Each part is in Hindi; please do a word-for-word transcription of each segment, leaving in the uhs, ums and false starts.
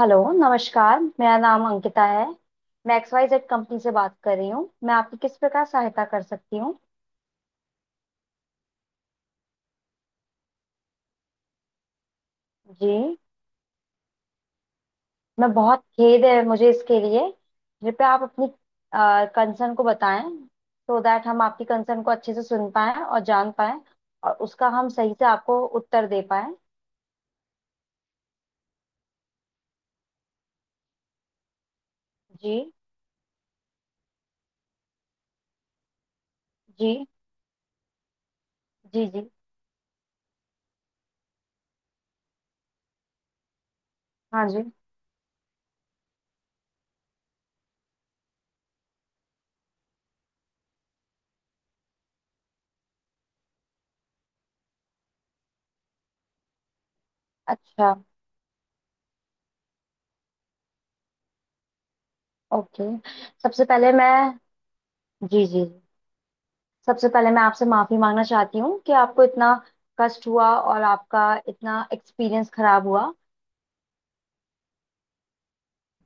हेलो नमस्कार। मेरा नाम अंकिता है। मैं X Y Z कंपनी से बात कर रही हूँ, मैं आपकी किस प्रकार सहायता कर सकती हूँ? जी। मैं बहुत खेद है मुझे इसके लिए। कृपया आप अपनी कंसर्न को बताएं, सो दैट हम आपकी कंसर्न को अच्छे से सुन पाएं और जान पाएं, और उसका हम सही से आपको उत्तर दे पाएं। जी जी जी जी। हाँ जी। अच्छा। ओके। सबसे पहले मैं। जी जी, सबसे पहले मैं आपसे माफी मांगना चाहती हूँ कि आपको इतना कष्ट हुआ और आपका इतना एक्सपीरियंस खराब हुआ।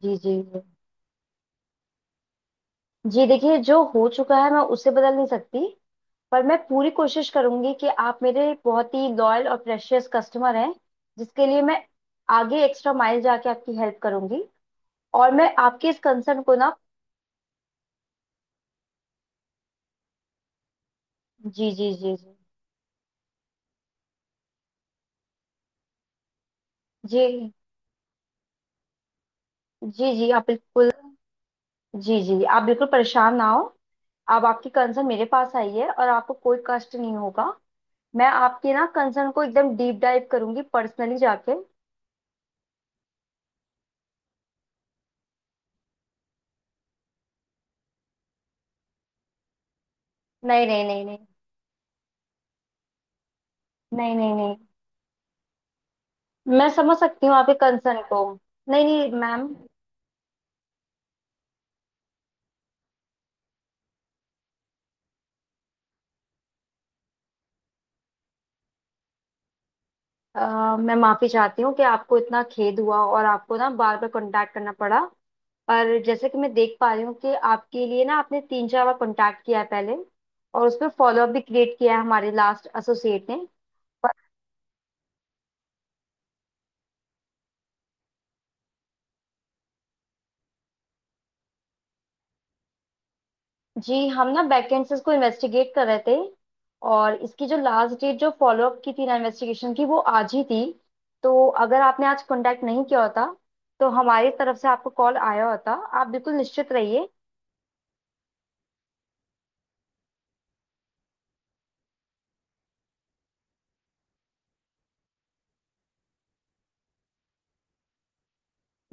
जी जी जी। जी, देखिए जो हो चुका है मैं उसे बदल नहीं सकती, पर मैं पूरी कोशिश करूंगी कि आप मेरे बहुत ही लॉयल और प्रेशियस कस्टमर हैं, जिसके लिए मैं आगे एक्स्ट्रा माइल जाके आपकी हेल्प करूंगी। और मैं आपके इस कंसर्न को ना। जी जी जी जी जी जी जी। आप बिल्कुल। जी जी, आप बिल्कुल परेशान ना हो। आप, आपकी कंसर्न मेरे पास आई है और आपको कोई कष्ट नहीं होगा। मैं आपके ना कंसर्न को एकदम डीप डाइव करूंगी पर्सनली जाके। नहीं नहीं नहीं नहीं। नहीं नहीं नहीं। मैं समझ सकती हूँ आपके कंसर्न को। नहीं नहीं, मैम। अ, मैं माफी चाहती हूँ कि आपको इतना खेद हुआ और आपको ना बार बार कांटेक्ट करना पड़ा। और जैसे कि मैं देख पा रही हूँ कि आपके लिए ना आपने तीन चार बार कांटेक्ट किया है पहले, और उस पर फॉलोअप भी क्रिएट किया है हमारे लास्ट एसोसिएट ने। जी, हम ना बैकेंड से इसको इन्वेस्टिगेट कर रहे थे, और इसकी जो लास्ट डेट जो फॉलोअप की थी ना इन्वेस्टिगेशन की, वो आज ही थी। तो अगर आपने आज कांटेक्ट नहीं किया होता, तो हमारी तरफ से आपको कॉल आया होता। आप बिल्कुल निश्चित रहिए।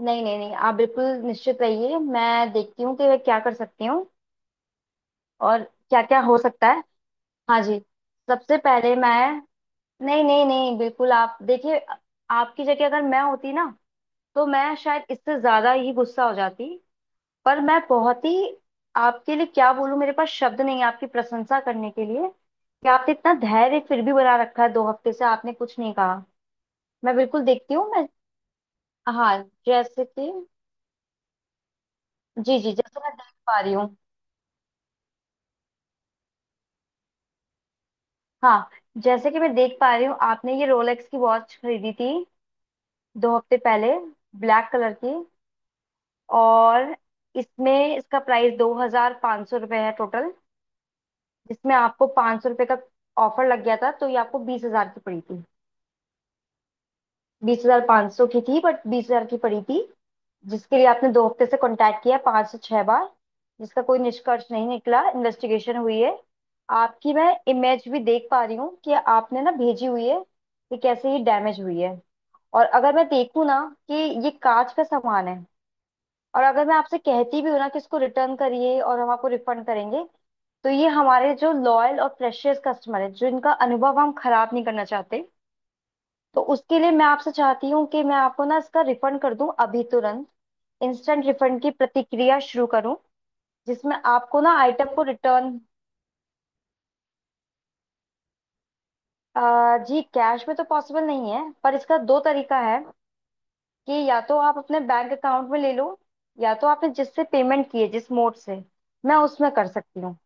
नहीं नहीं नहीं, आप बिल्कुल निश्चित रहिए, मैं देखती हूँ कि मैं क्या कर सकती हूँ और क्या क्या हो सकता है। हाँ जी। सबसे पहले मैं। नहीं नहीं नहीं, बिल्कुल आप देखिए, आपकी जगह अगर मैं होती ना, तो मैं शायद इससे ज्यादा ही गुस्सा हो जाती। पर मैं बहुत ही, आपके लिए क्या बोलूं, मेरे पास शब्द नहीं है आपकी प्रशंसा करने के लिए, कि आपने इतना धैर्य फिर भी बना रखा है, दो हफ्ते से आपने कुछ नहीं कहा। मैं बिल्कुल देखती हूँ मैं। हाँ, जैसे कि। जी जी, जैसे मैं देख पा रही हूँ। हाँ, जैसे कि मैं देख पा रही हूँ आपने ये रोलेक्स की वॉच खरीदी थी दो हफ्ते पहले, ब्लैक कलर की। और इसमें इसका प्राइस दो हजार पाँच सौ रुपये है टोटल, जिसमें आपको पाँच सौ रुपये का ऑफर लग गया था, तो ये आपको बीस हजार की पड़ी थी। बीस हजार पाँच सौ की थी बट बीस हजार की पड़ी थी। जिसके लिए आपने दो हफ्ते से कांटेक्ट किया पांच से छह बार, जिसका कोई निष्कर्ष नहीं निकला। इन्वेस्टिगेशन हुई है। आपकी मैं इमेज भी देख पा रही हूँ, कि आपने ना भेजी हुई है कि कैसे ये डैमेज हुई है। और अगर मैं देखूँ ना कि ये कांच का सामान है, और अगर मैं आपसे कहती भी हूँ ना कि इसको रिटर्न करिए और हम आपको रिफंड करेंगे, तो ये हमारे जो लॉयल और प्रेशियस कस्टमर है, जिनका अनुभव हम खराब नहीं करना चाहते, तो उसके लिए मैं आपसे चाहती हूँ कि मैं आपको ना इसका रिफंड कर दूं अभी तुरंत। इंस्टेंट रिफंड की प्रतिक्रिया शुरू करूं, जिसमें आपको ना आइटम को रिटर्न। जी कैश में तो पॉसिबल नहीं है, पर इसका दो तरीका है, कि या तो आप अपने बैंक अकाउंट में ले लो, या तो आपने जिससे पेमेंट की है जिस मोड से, मैं उसमें कर सकती हूँ।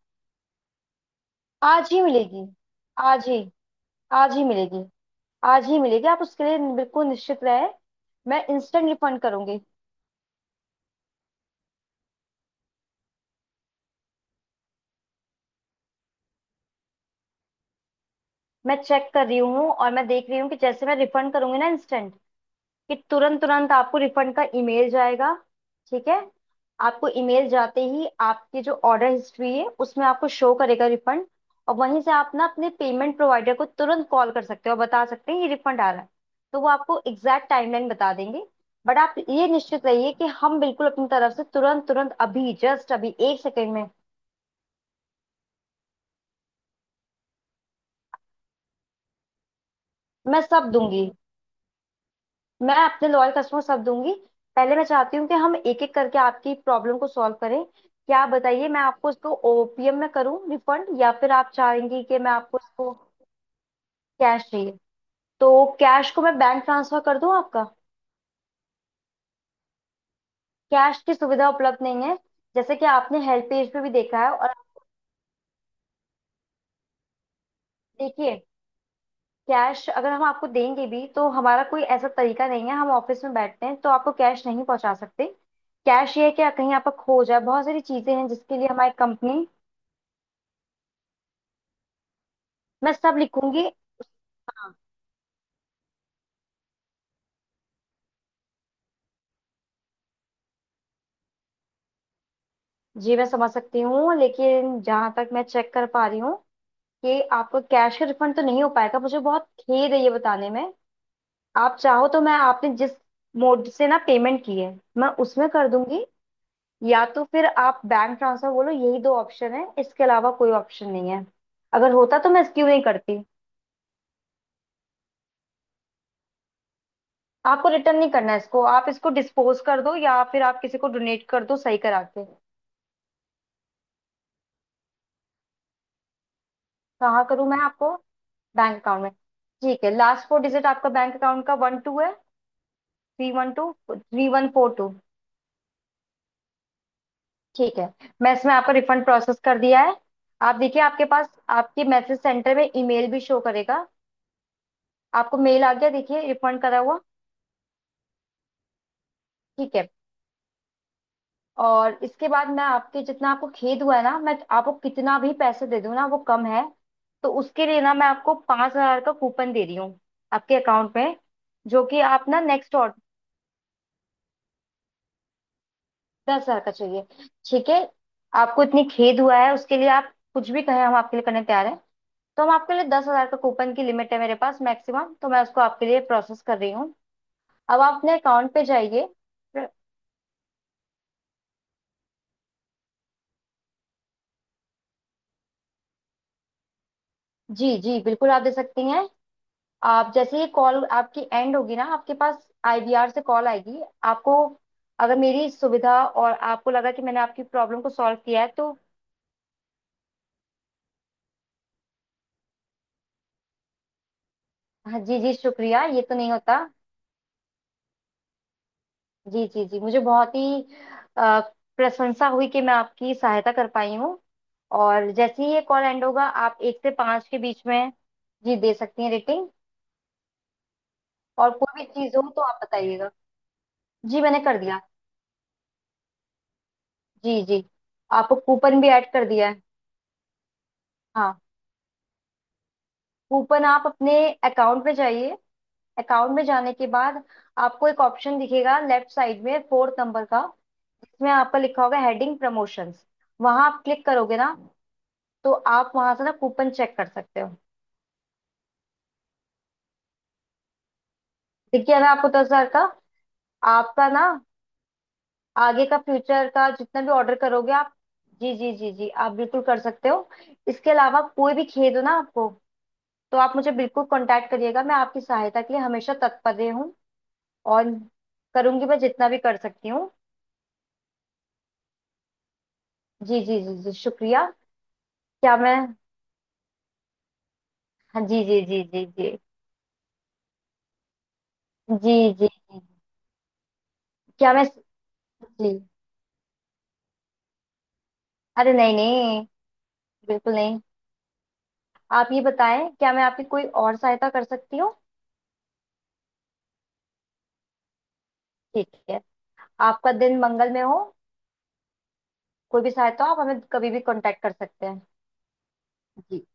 आज ही मिलेगी। आज ही। आज ही मिलेगी। आज ही मिलेगी, आप उसके लिए बिल्कुल निश्चित रहे। मैं इंस्टेंट रिफंड करूंगी। मैं चेक कर रही हूँ और मैं देख रही हूँ कि जैसे मैं रिफंड करूंगी ना इंस्टेंट, कि तुरंत तुरंत आपको रिफंड का ईमेल जाएगा। ठीक है। आपको ईमेल जाते ही आपकी जो ऑर्डर हिस्ट्री है उसमें आपको शो करेगा रिफंड, और वहीं से आप ना अपने पेमेंट प्रोवाइडर को तुरंत कॉल कर सकते हो और बता सकते हैं ये रिफंड आ रहा है, तो वो आपको एग्जैक्ट टाइमलाइन बता देंगे। बट आप ये निश्चित रहिए कि हम बिल्कुल अपनी तरफ से तुरंत तुरंत अभी जस्ट अभी एक सेकेंड में। मैं सब दूंगी। मैं अपने लॉयल कस्टमर सब दूंगी। पहले मैं चाहती हूँ कि हम एक एक करके आपकी प्रॉब्लम को सॉल्व करें। क्या आप बताइए, मैं आपको इसको ओपीएम में करूँ रिफंड, या फिर आप चाहेंगी कि मैं आपको इसको। कैश चाहिए? तो कैश को मैं बैंक ट्रांसफर कर दूँ आपका? कैश की सुविधा उपलब्ध नहीं है, जैसे कि आपने हेल्प पेज पे भी देखा है। और आप। देखिए, कैश अगर हम आपको देंगे भी तो हमारा कोई ऐसा तरीका नहीं है, हम ऑफिस में बैठते हैं, तो आपको कैश नहीं पहुंचा सकते। कैश ये है कि कहीं आपका खो जाए, बहुत सारी चीजें हैं जिसके लिए हमारी कंपनी। मैं सब लिखूंगी। हाँ जी, मैं समझ सकती हूँ, लेकिन जहां तक मैं चेक कर पा रही हूँ कि आपको कैश का रिफंड तो नहीं हो पाएगा, मुझे बहुत खेद है ये बताने में। आप चाहो तो मैं आपने जिस मोड से ना पेमेंट की है, मैं उसमें कर दूंगी। या तो फिर आप बैंक ट्रांसफर बोलो, यही दो ऑप्शन है, इसके अलावा कोई ऑप्शन नहीं है। अगर होता तो मैं इसकी नहीं करती। आपको रिटर्न नहीं करना है इसको, आप इसको डिस्पोज कर दो या फिर आप किसी को डोनेट कर दो सही करा के। कहाँ करूँ मैं आपको? बैंक अकाउंट में। ठीक है, लास्ट फोर डिजिट आपका बैंक अकाउंट का वन टू है, three one two three one four two? ठीक है। मैं इसमें आपका रिफंड प्रोसेस कर दिया है। आप देखिए आपके पास आपके मैसेज सेंटर में ईमेल भी शो करेगा। आपको मेल आ गया, देखिए, रिफंड करा हुआ। ठीक है। और इसके बाद मैं आपके जितना आपको खेद हुआ है ना, मैं आपको कितना भी पैसे दे दूँ ना, वो कम है। तो उसके लिए ना मैं आपको पाँच हजार का कूपन दे रही हूँ आपके अकाउंट में, जो कि आप ना नेक्स्ट। दस हजार का चाहिए? ठीक है। आपको इतनी खेद हुआ है, उसके लिए आप कुछ भी कहें हम आपके लिए करने तैयार हैं। तो हम आपके लिए दस हजार का कूपन की लिमिट है मेरे पास मैक्सिमम, तो मैं उसको आपके लिए प्रोसेस कर रही हूँ। अब आप अपने अकाउंट पे जाइए। जी जी बिल्कुल, आप दे सकती हैं। आप जैसे ही कॉल आपकी एंड होगी ना, आपके पास आईवीआर से कॉल आएगी। आपको, अगर मेरी सुविधा और आपको लगा कि मैंने आपकी प्रॉब्लम को सॉल्व किया है, तो। हाँ जी जी, शुक्रिया, ये तो नहीं होता। जी जी जी, मुझे बहुत ही अ, प्रशंसा हुई कि मैं आपकी सहायता कर पाई हूँ। और जैसे ही ये कॉल एंड होगा, आप एक से पाँच के बीच में। जी दे सकती हैं रेटिंग। और कोई भी चीज़ हो तो आप बताइएगा। जी मैंने कर दिया। जी जी, आपको कूपन भी ऐड कर दिया है। हाँ, कूपन आप अपने अकाउंट में जाइए, अकाउंट में जाने के बाद आपको एक ऑप्शन दिखेगा लेफ्ट साइड में, फोर्थ नंबर का, जिसमें आपका लिखा होगा हेडिंग प्रमोशंस। वहां आप क्लिक करोगे ना, तो आप वहां से ना कूपन चेक कर सकते हो। देखिए अनाप सर का। आपका ना आगे का फ्यूचर का जितना भी ऑर्डर करोगे आप। जी जी जी जी, आप बिल्कुल कर सकते हो। इसके अलावा कोई भी खेद हो ना आपको, तो आप मुझे बिल्कुल कांटेक्ट करिएगा, मैं आपकी सहायता के लिए हमेशा तत्पर हूँ। और करूंगी मैं जितना भी कर सकती हूँ। जी जी जी जी, शुक्रिया। क्या मैं। हाँ, जी जी जी जी जी जी जी जी। क्या मैं। जी। अरे नहीं नहीं, बिल्कुल नहीं। आप ये बताएं, क्या मैं आपकी कोई और सहायता कर सकती हूँ? ठीक है। आपका दिन मंगल में हो, कोई भी सहायता हो आप हमें कभी भी कांटेक्ट कर सकते हैं। जी।